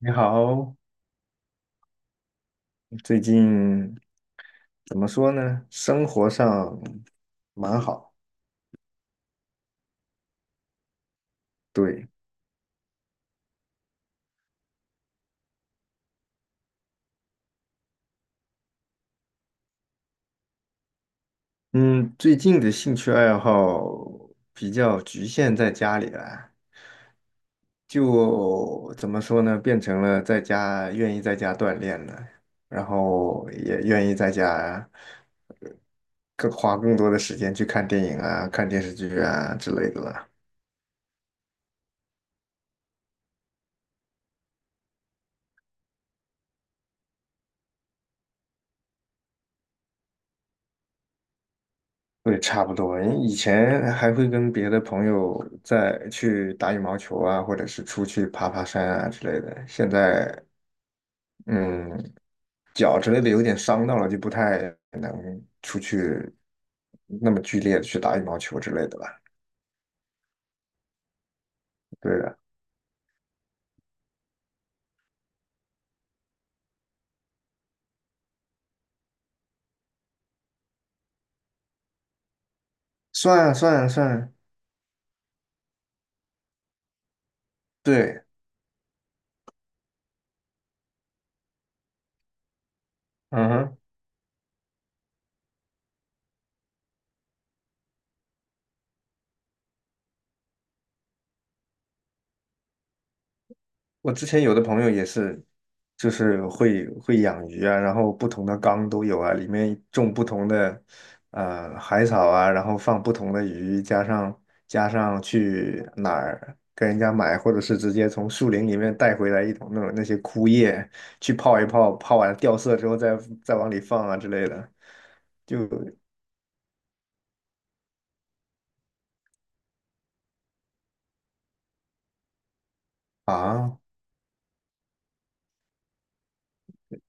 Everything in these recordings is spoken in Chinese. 你好，最近怎么说呢？生活上蛮好，对，嗯，最近的兴趣爱好比较局限在家里了。就怎么说呢？变成了在家愿意在家锻炼了，然后也愿意在家呃更花更多的时间去看电影啊、看电视剧啊之类的了。对，差不多。以前还会跟别的朋友再去打羽毛球啊，或者是出去爬爬山啊之类的。现在，嗯，脚之类的有点伤到了，就不太能出去那么剧烈的去打羽毛球之类的吧。对的，算算算，对，嗯哼。我之前有的朋友也是，就是会养鱼啊，然后不同的缸都有啊，里面种不同的海草啊，然后放不同的鱼，加上去哪儿跟人家买，或者是直接从树林里面带回来一桶那种那些枯叶去泡一泡，泡完了掉色之后再往里放啊之类的，就啊。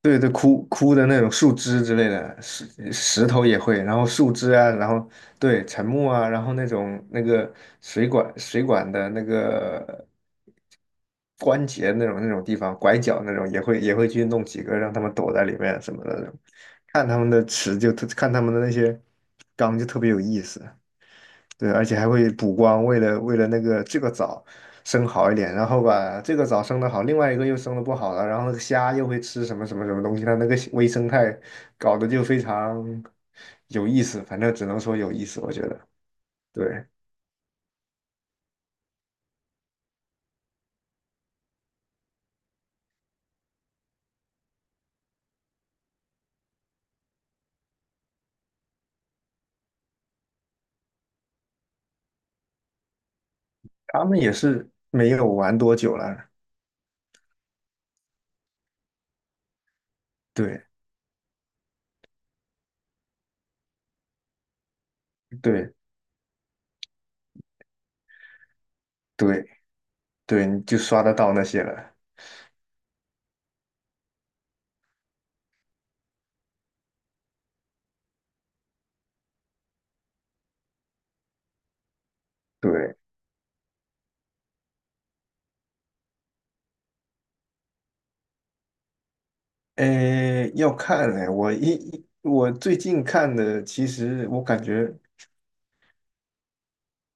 对对，枯枯的那种树枝之类的，石头也会，然后树枝啊，然后对沉木啊，然后那种那个水管的那个关节那种地方，拐角那种也会去弄几个，让他们躲在里面什么的那种看他们的那些缸就特别有意思。对，而且还会补光，为了那个这个藻生好一点，然后把这个藻生的好，另外一个又生的不好了，然后那个虾又会吃什么什么什么东西，它那个微生态搞得就非常有意思，反正只能说有意思，我觉得。对，他们也是没有玩多久了，对对对对，你就刷得到那些了。对，诶，要看嘞，我一一我最近看的，其实我感觉。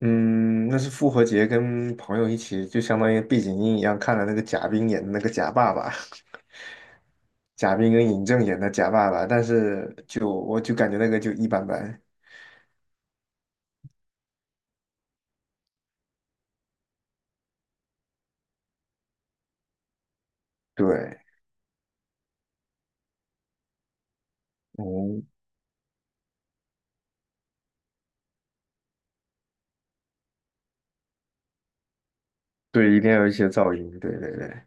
嗯，那是复活节跟朋友一起，就相当于背景音一样看了那个贾冰演的那个贾爸爸，贾冰跟尹正演的贾爸爸，但是就我就感觉那个就一般般。对，哦，对，一定要有一些噪音。对对对，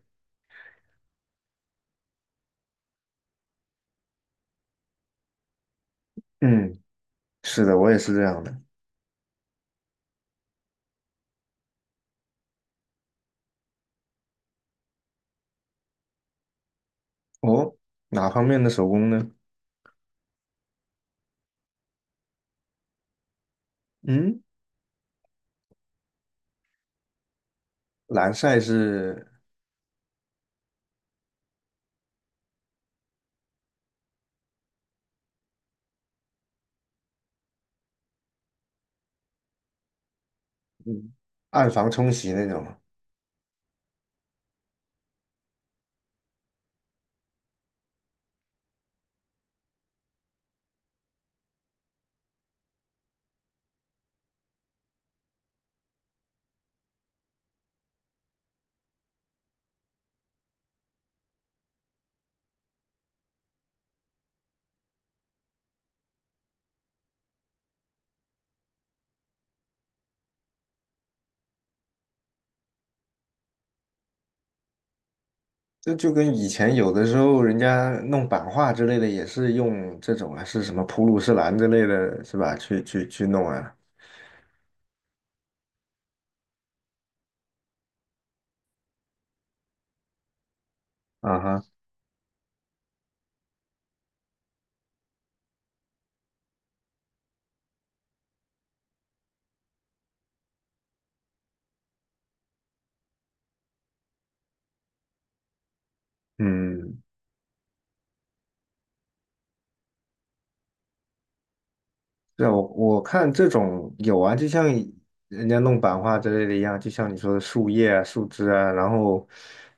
嗯，是的，我也是这样的。哦，哪方面的手工呢？嗯，蓝晒是嗯暗房冲洗那种。这就跟以前有的时候人家弄版画之类的，也是用这种啊，是什么普鲁士蓝之类的，是吧？去弄啊，啊哈，嗯，对啊我看这种有啊，就像人家弄版画之类的一样，就像你说的树叶啊、树枝啊，然后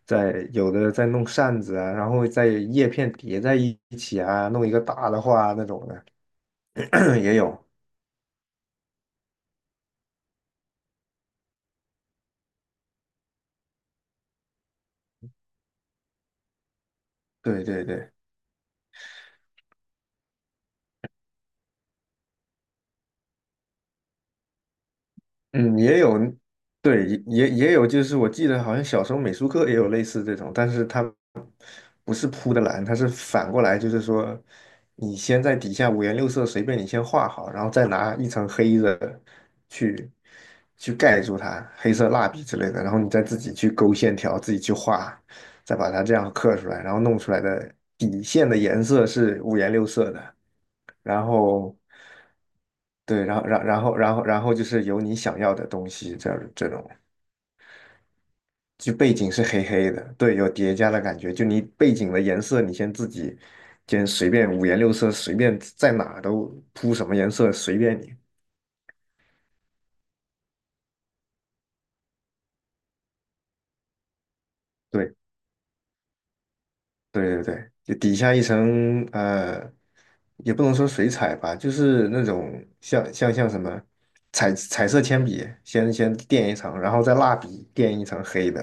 再有的再弄扇子啊，然后再叶片叠在一起啊，弄一个大的画啊那种的 也有，对对对。嗯，也有，对，也有，就是我记得好像小时候美术课也有类似这种，但是它不是铺的蓝，它是反过来，就是说你先在底下五颜六色随便你先画好，然后再拿一层黑的去去盖住它，黑色蜡笔之类的，然后你再自己去勾线条，自己去画，再把它这样刻出来，然后弄出来的底线的颜色是五颜六色的。然后对，然后就是有你想要的东西，这种就背景是黑黑的，对，有叠加的感觉。就你背景的颜色，你先自己先随便五颜六色，随便在哪都铺什么颜色随便你。对。对对对，就底下一层，也不能说水彩吧，就是那种像什么彩色铅笔，先垫一层，然后再蜡笔垫一层黑的，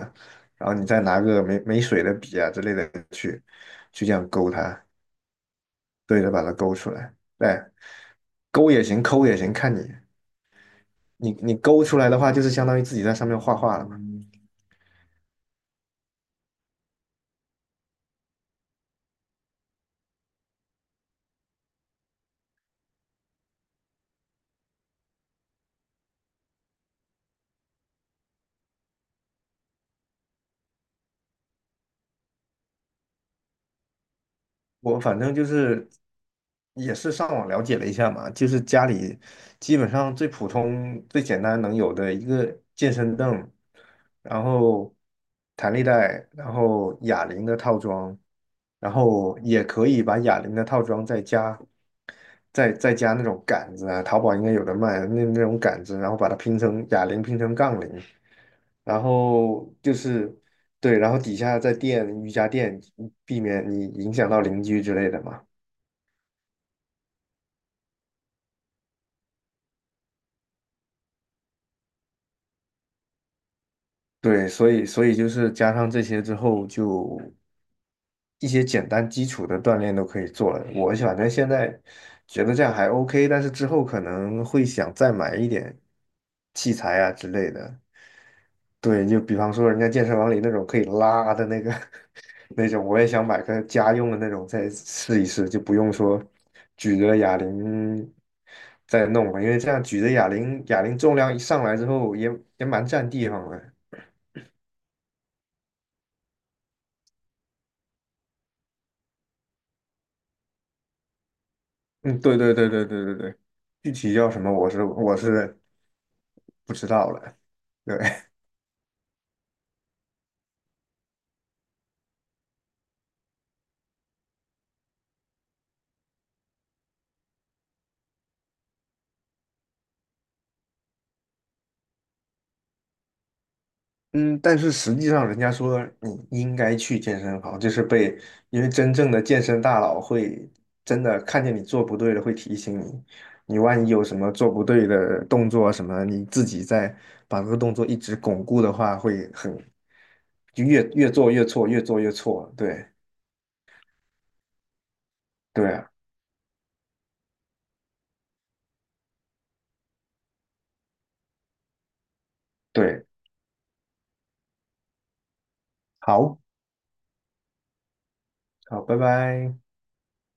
然后你再拿个没水的笔啊之类的去这样勾它，对着把它勾出来。对，勾也行，抠也行，看你勾出来的话，就是相当于自己在上面画画了嘛。我反正就是也是上网了解了一下嘛，就是家里基本上最普通、最简单能有的一个健身凳，然后弹力带，然后哑铃的套装，然后也可以把哑铃的套装再加那种杆子啊，淘宝应该有的卖那种杆子，然后把它拼成杠铃，然后就是对，然后底下再垫瑜伽垫，避免你影响到邻居之类的嘛。对，所以就是加上这些之后，就一些简单基础的锻炼都可以做了。我反正现在觉得这样还 OK，但是之后可能会想再买一点器材啊之类的。对，就比方说人家健身房里那种可以拉的那个 那种，我也想买个家用的那种再试一试，就不用说举着哑铃再弄了，因为这样举着哑铃，哑铃重量一上来之后也蛮占地方的。嗯，对对对对对对对，具体叫什么我是不知道了。对，嗯，但是实际上，人家说你应该去健身房，就是被，因为真正的健身大佬会真的看见你做不对了，会提醒你，你万一有什么做不对的动作什么，你自己再把这个动作一直巩固的话，会很，就越做越错，越做越错。对，对啊，对，好，好，拜拜。